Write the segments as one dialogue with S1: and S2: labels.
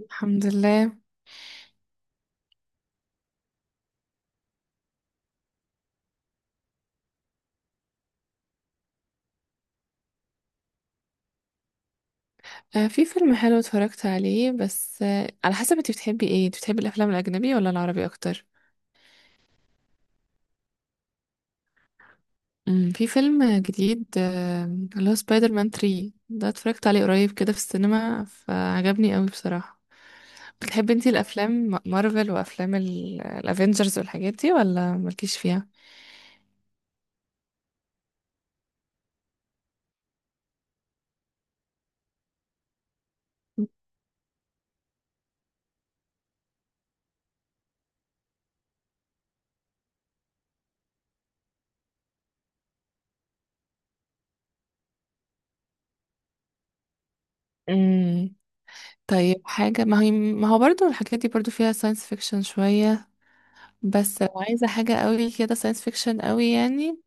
S1: الحمد لله. في فيلم حلو اتفرجت عليه بس على حسب انت بتحبي ايه؟ انت بتحبي الافلام الاجنبيه ولا العربي اكتر؟ في فيلم جديد، اللي هو سبايدر مان 3، ده اتفرجت عليه قريب كده في السينما فعجبني قوي بصراحه. بتحبي انت الافلام مارفل وافلام الافينجرز والحاجات دي، ولا مالكيش فيها؟ امم طيب، حاجه ما هو برضو الحاجات دي برضو فيها ساينس فيكشن شويه، بس لو عايزه حاجه قوي كده ساينس فيكشن قوي يعني،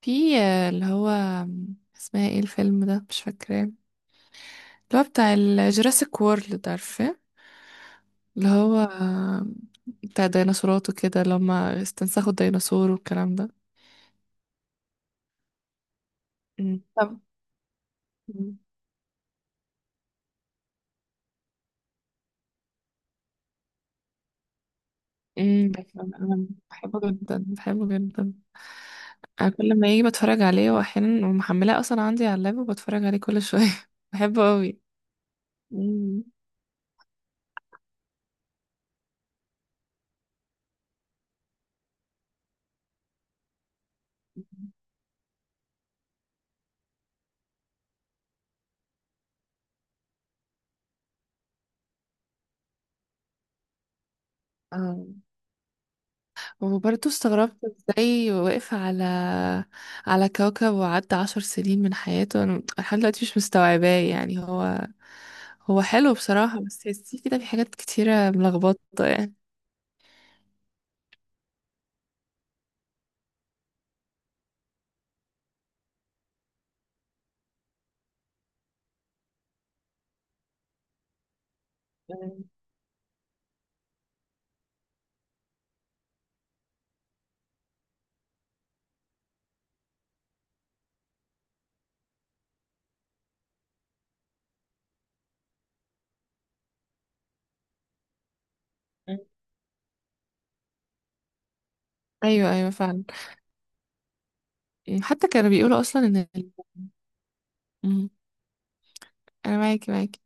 S1: في اللي هو، اسمها ايه الفيلم ده؟ مش فاكراه. اللي هو بتاع الجوراسيك وورلد، عارفة؟ اللي هو بتاع ديناصورات وكده، اللي هما استنسخوا الديناصور والكلام ده. مم. طب، امم انا بحبه جدا، بحبه جدا. انا كل ما يجي بتفرج عليه، واحيانا ومحملاه اصلا عندي على اللاب وبتفرج عليه كل شويه بحبه قوي. مم. اه، وبرضه استغربت ازاي وقف على كوكب وعدى عشر سنين من حياته. انا لحد دلوقتي مش مستوعباه يعني. هو حلو بصراحة، بس تحسيه كده في حاجات كتيرة ملخبطة يعني. مم. مم. ايوه، ايوه فعلا. حتى كانوا بيقولوا اصلا ان ال-، مم، انا معاكي،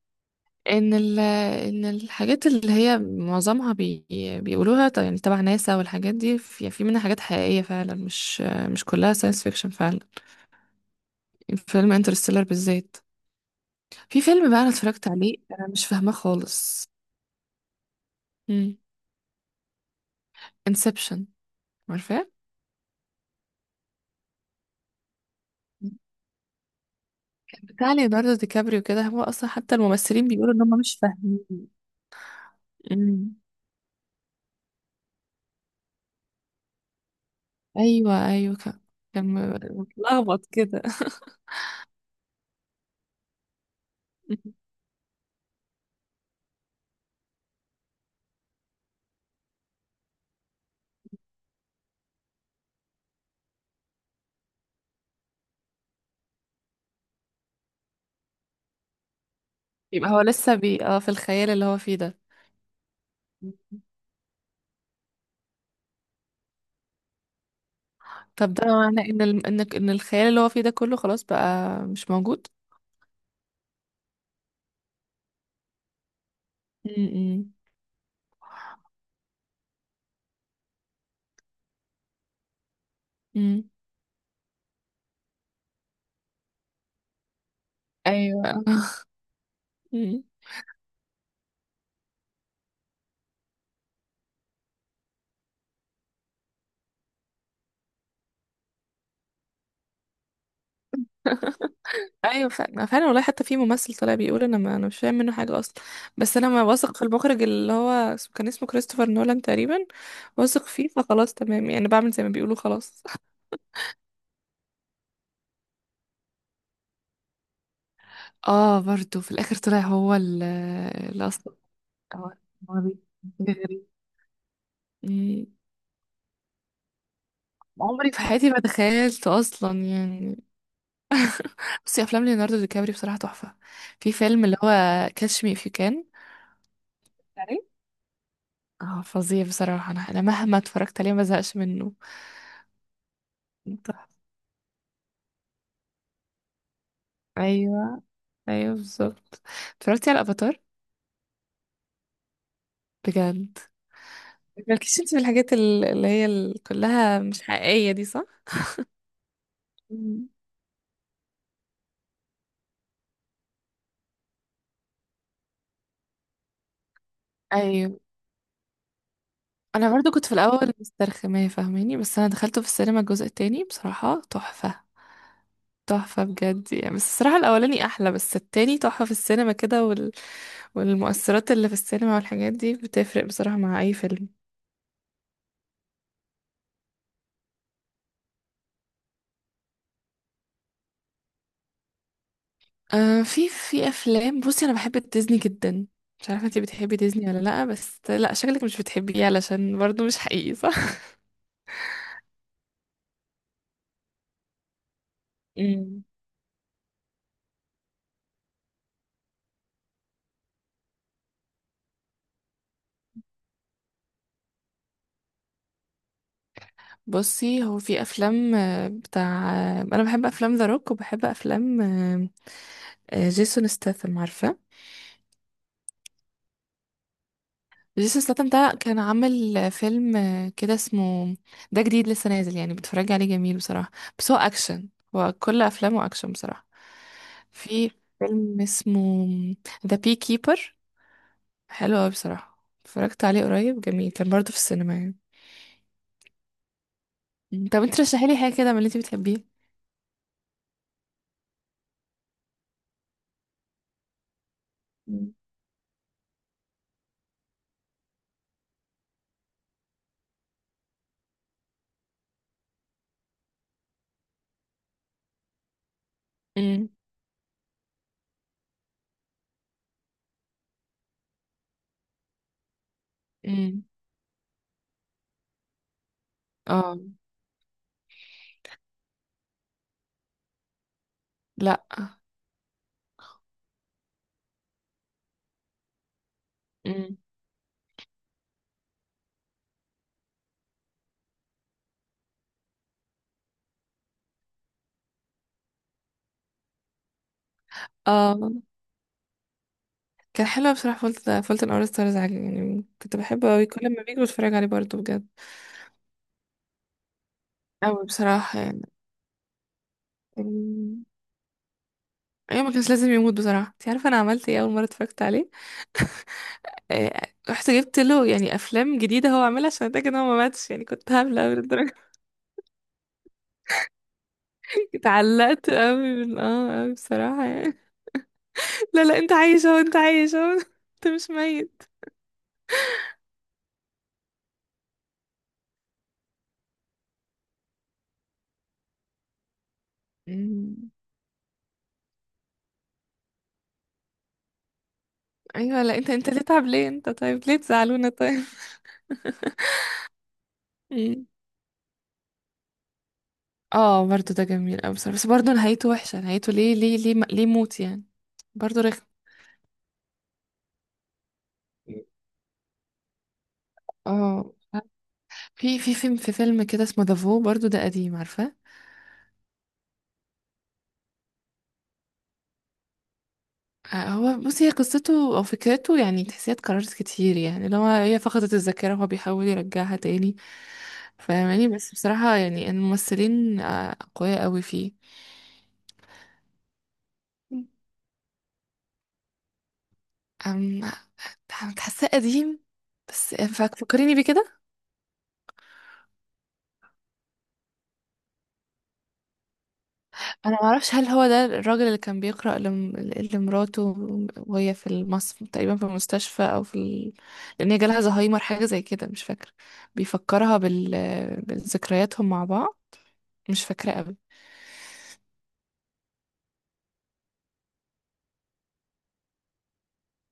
S1: ان ال... ان الحاجات اللي هي معظمها بيقولوها يعني تبع ناسا والحاجات دي، في... في منها حاجات حقيقية فعلا، مش كلها ساينس فيكشن فعلا. فيلم انترستيلر بالذات. في فيلم بقى انا اتفرجت عليه انا مش فاهماه خالص، امم انسبشن، عارفاه؟ مم. بتاع ليوناردو دي كابريو كده، هو اصلا حتى الممثلين بيقولوا ان هم مش فاهمين. امم ايوه، ايوه كان، كان متلخبط كده يبقى هو لسه بي اه في الخيال اللي هو فيه ده. مم. طب ده معناه ان ال...، ان ان الخيال اللي هو فيه ده كله خلاص بقى مش موجود. امم امم ايوه مم. ايوه فعلا، فعلا والله. حتى في ممثل طلع بيقول انا، ما انا مش فاهم منه حاجه اصلا، بس انا ما واثق في المخرج اللي هو كان اسمه كريستوفر نولان تقريبا. واثق فيه فخلاص تمام يعني، بعمل زي ما بيقولوا خلاص اه، برضو في الاخر طلع هو اللي اصلا هو هو بيغري. مم. عمري في حياتي ما تخيلت اصلا يعني. بصي، افلام ليوناردو دي كابري بصراحه تحفه. في فيلم اللي هو كاتش مي اف يو كان، اه فظيع بصراحه، انا مهما اتفرجت عليه ما زهقش منه. تحفة. ايوه، ايوه بالظبط. اتفرجتي على افاتار؟ بجد، مالكيش انت في الحاجات ال-، اللي هي ال- كلها مش حقيقية دي، صح؟ مم. ايوه. انا برضو كنت في الاول مسترخمه، فاهماني؟ بس انا دخلته في السينما الجزء التاني بصراحه تحفه، تحفه بجد يعني. بس الصراحه الاولاني احلى، بس التاني تحفه في السينما كده. وال...، والمؤثرات اللي في السينما والحاجات دي بتفرق بصراحه مع اي فيلم. آه، في افلام، بصي انا بحب ديزني جدا، مش عارفه انتي بتحبي ديزني ولا لا، بس لا شكلك مش بتحبيه علشان برضو مش حقيقي، صح؟ امم بصي، هو في افلام بتاع، انا بحب افلام ذا روك، وبحب افلام جيسون ستاثام، عارفه؟ جيسون ستاثام ده كان عامل فيلم كده اسمه، ده جديد لسه نازل يعني، بتفرج عليه جميل بصراحه. بس هو اكشن، هو كل افلامه اكشن بصراحه. في فيلم اسمه ذا بي كيبر، حلو أوي بصراحة، اتفرجت عليه قريب، جميل كان برضه في السينما يعني. مم. طب انت رشحي لي حاجة كده من اللي انت بتحبيه. مم. مم. مم. اه. لا. مم. اه كان حلو بصراحة، فولت فولت اور ستارز يعني، كنت بحبه أوي، كل ما بيجي بتفرج عليه برضه بجد. أوي بصراحة يعني. مم. ايوه، ما كانش لازم يموت بصراحة. انت عارفة انا عملت ايه اول مرة اتفرجت عليه؟ آه، رحت جبت له يعني افلام جديدة هو عاملها عشان اتاكد ان هو ما ماتش يعني، كنت هبلة أوي للدرجة اتعلقت أوي، من أوي بصراحة يعني. لا لا، انت عايش اهو، انت عايش اهو انت مش ميت. مم. ايوه لا، انت تتعب ليه؟ انت طيب ليه تزعلونا طيب؟ مم. اه برضو ده جميل اوي بصراحة، بس برضو نهايته وحشة. نهايته ليه، ليه، ليه، ليه موت يعني؟ برضو رخم. اه، في فيلم كده اسمه دافو، برضو ده قديم، عارفة؟ هو بصي، هي قصته او فكرته يعني تحسيها اتكررت كتير يعني، لو هي فقدت الذاكرة وهو بيحاول يرجعها تاني، فاهماني؟ بس بصراحة يعني الممثلين اقوياء قوي فيه. أم حاساه قديم، بس فكريني بيه كده. انا ما اعرفش هل هو ده الراجل اللي كان بيقرأ لم... لمراته وهي في المصف تقريبا في المستشفى، او لان هي جالها زهايمر حاجه زي كده مش فاكره، بيفكرها بذكرياتهم مع بعض؟ مش فاكره قوي.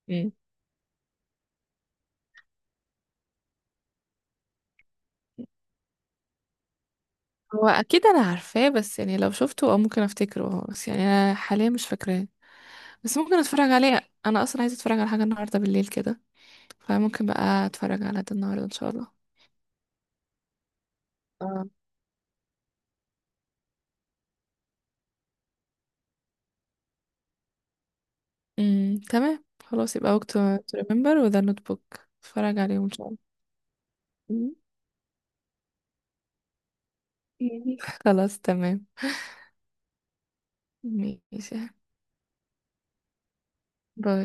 S1: مم. هو اكيد انا عارفاه، بس يعني لو شفته او ممكن افتكره بس يعني انا حاليا مش فاكراه. بس ممكن اتفرج عليه، انا اصلا عايزه اتفرج على حاجه النهارده بالليل كده، فممكن بقى اتفرج على ده النهارده ان شاء الله. تمام، خلاص يبقى وقت تو ريمبر وذا نوت بوك، اتفرج عليهم ان شاء الله. مم. خلاص تمام. ماشي. باي.